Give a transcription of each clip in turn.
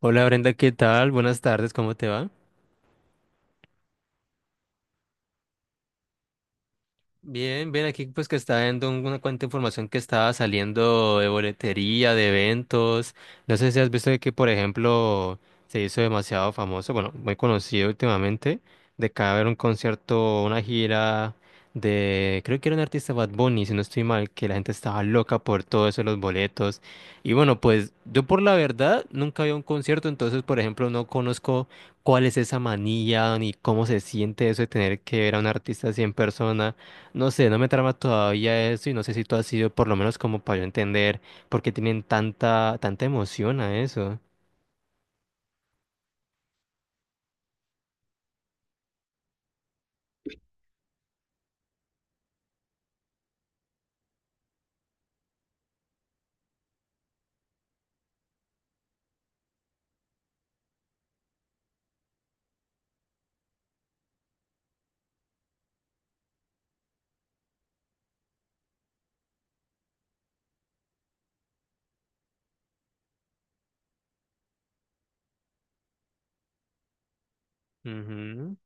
Hola Brenda, ¿qué tal? Buenas tardes, ¿cómo te va? Bien, bien, aquí pues que está viendo una cuanta información que estaba saliendo de boletería, de eventos. No sé si has visto de que, por ejemplo, se hizo demasiado famoso, bueno, muy conocido últimamente, de que va a haber un concierto, una gira de, creo que era un artista Bad Bunny, si no estoy mal, que la gente estaba loca por todo eso, de los boletos. Y bueno, pues yo por la verdad nunca había un concierto, entonces, por ejemplo, no conozco cuál es esa manía ni cómo se siente eso de tener que ver a un artista así en persona. No sé, no me trama todavía eso y no sé si tú has sido por lo menos como para yo entender por qué tienen tanta emoción a eso. Ujú.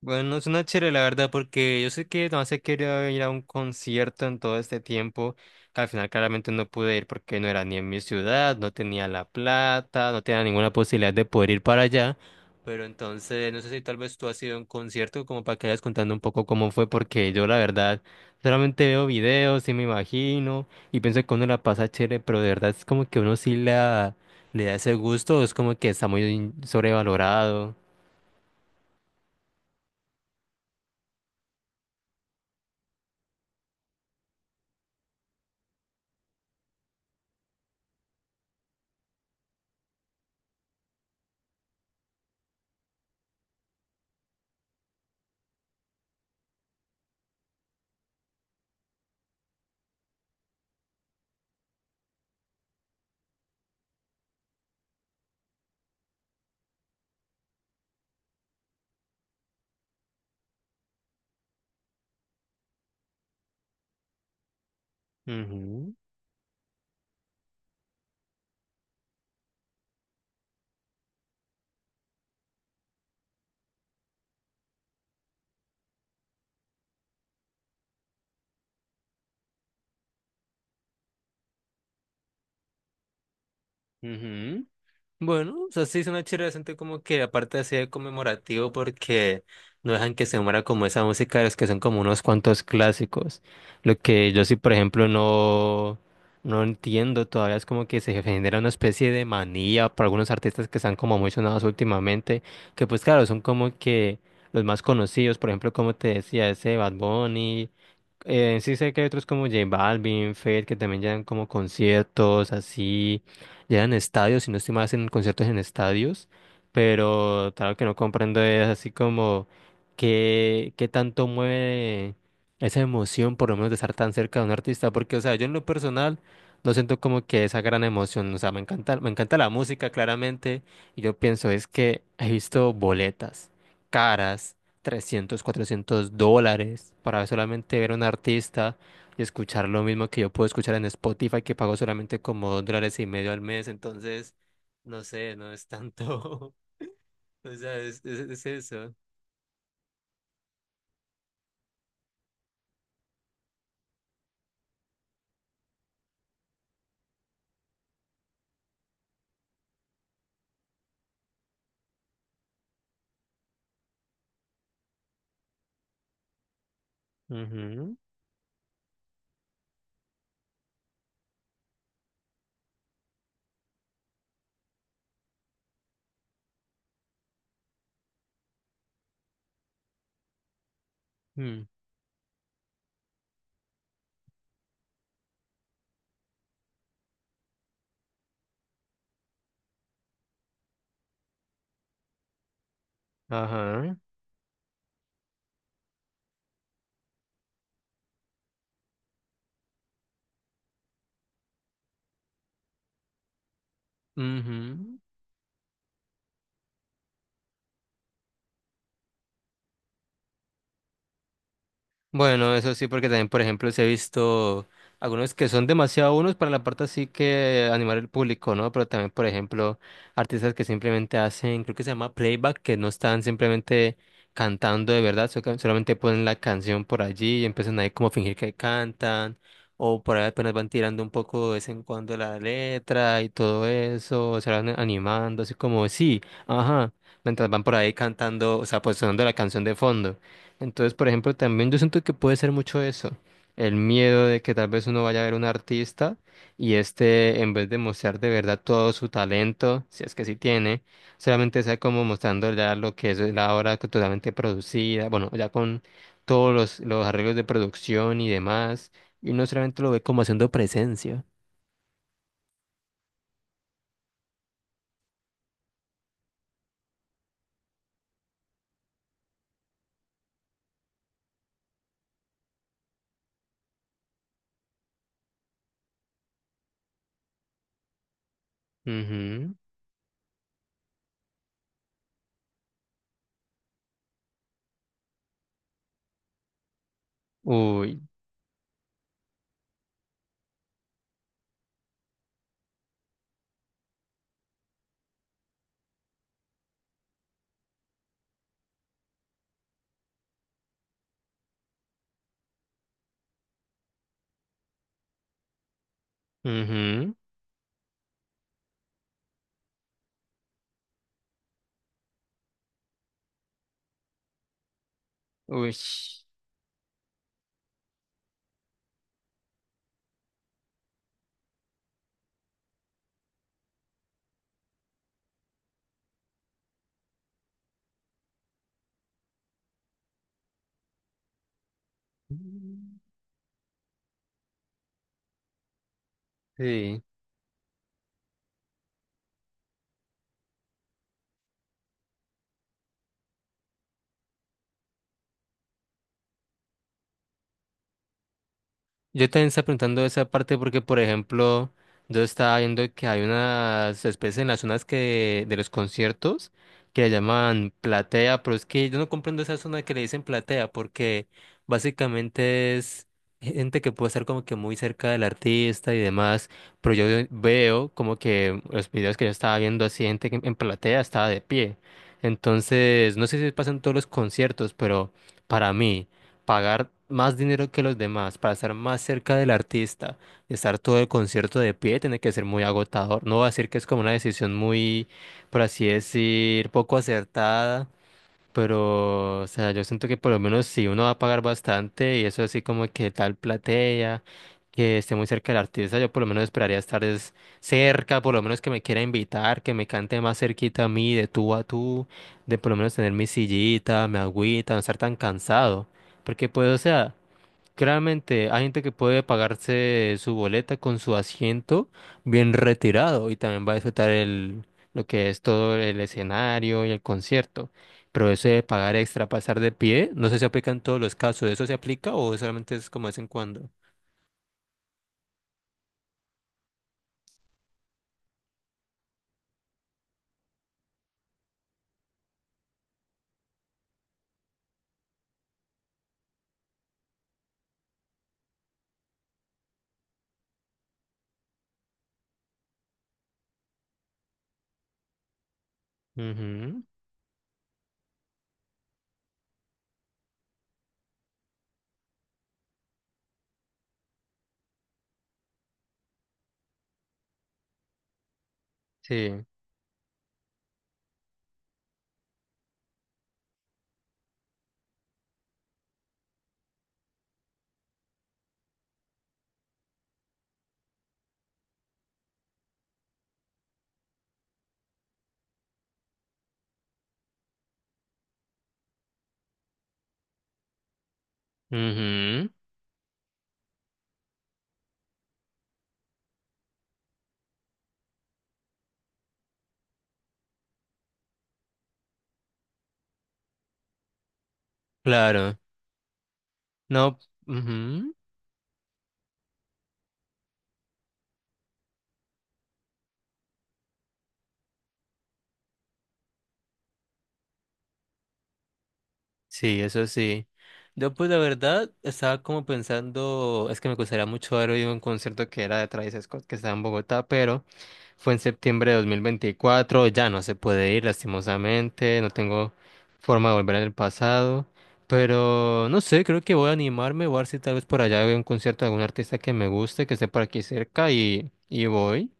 Bueno, suena chévere la verdad, porque yo sé que no se quería ir a un concierto en todo este tiempo, que al final claramente no pude ir porque no era ni en mi ciudad, no tenía la plata, no tenía ninguna posibilidad de poder ir para allá. Pero entonces, no sé si tal vez tú has ido a un concierto como para que vayas contando un poco cómo fue, porque yo la verdad solamente veo videos y me imagino y pienso que uno la pasa chévere, pero de verdad es como que le da ese gusto, es como que está muy sobrevalorado. Ujú, ujú. Bueno, o sea, sí es una chévere decente como que aparte así de conmemorativo porque no dejan que se muera como esa música de los que son como unos cuantos clásicos. Lo que yo sí, por ejemplo, no entiendo todavía es como que se genera una especie de manía para algunos artistas que están como muy sonados últimamente, que pues claro, son como que los más conocidos, por ejemplo, como te decía, ese Bad Bunny sí sé que hay otros como J Balvin, Fate, que también llevan como conciertos, así, llevan estadios, si no estoy mal, hacen conciertos en estadios, pero claro que no comprendo es así como qué tanto mueve esa emoción, por lo menos de estar tan cerca de un artista, porque, o sea, yo en lo personal no siento como que esa gran emoción, o sea, me encanta la música, claramente, y yo pienso, es que he visto boletas caras $300 $400 para solamente ver a un artista y escuchar lo mismo que yo puedo escuchar en Spotify, que pago solamente como $2,5 al mes. Entonces, no sé, no es tanto. O sea, es eso. Ujú, mm. Ajá. Ujú. Bueno, eso sí, porque también, por ejemplo, se he visto algunos que son demasiado unos para la parte así que animar el público, ¿no? Pero también, por ejemplo, artistas que simplemente hacen, creo que se llama playback, que no están simplemente cantando de verdad, que solamente ponen la canción por allí y empiezan ahí como a fingir que cantan, o por ahí apenas van tirando un poco de vez en cuando la letra y todo eso, se van animando, así como, sí, ajá, mientras van por ahí cantando, o sea, pues sonando la canción de fondo. Entonces, por ejemplo, también yo siento que puede ser mucho eso, el miedo de que tal vez uno vaya a ver un artista y este, en vez de mostrar de verdad todo su talento, si es que sí tiene, solamente sea como mostrando ya lo que es la obra que totalmente producida, bueno, ya con todos los arreglos de producción y demás, y no solamente lo ve como haciendo presencia. Ujú. Uy, ujú. Uy. Sí. Yo también estaba preguntando esa parte porque, por ejemplo, yo estaba viendo que hay unas especies en las zonas que de los conciertos que le llaman platea, pero es que yo no comprendo esa zona que le dicen platea porque básicamente es gente que puede estar como que muy cerca del artista y demás, pero yo veo como que los videos que yo estaba viendo así, gente que en platea estaba de pie. Entonces, no sé si pasa en todos los conciertos, pero para mí pagar más dinero que los demás para estar más cerca del artista, estar todo el concierto de pie, tiene que ser muy agotador. No voy a decir que es como una decisión muy, por así decir, poco acertada, pero, o sea, yo siento que por lo menos si uno va a pagar bastante y eso así como que tal platea, que esté muy cerca del artista, yo por lo menos esperaría cerca, por lo menos que me quiera invitar, que me cante más cerquita a mí, de tú a tú, de por lo menos tener mi sillita, mi agüita, no estar tan cansado. Porque pues, o sea... Claramente, hay gente que puede pagarse su boleta con su asiento bien retirado y también va a disfrutar lo que es todo el escenario y el concierto. Pero eso de pagar extra, pasar de pie, no sé si aplica en todos los casos. ¿Eso se aplica o solamente es como de vez en cuando? Ujú. Sí. Ujú. Claro. No. Ujú. Sí, eso sí. Yo pues la verdad estaba como pensando, es que me gustaría mucho haber oído un concierto que era de Travis Scott que estaba en Bogotá, pero... Fue en septiembre de 2024. Ya no se puede ir lastimosamente, no tengo forma de volver en el pasado, pero no sé, creo que voy a animarme, voy a ver si tal vez por allá veo un concierto de algún artista que me guste, que esté por aquí cerca y voy.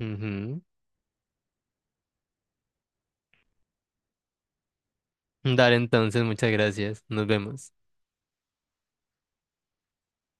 Ujú. Dale entonces, muchas gracias, nos vemos.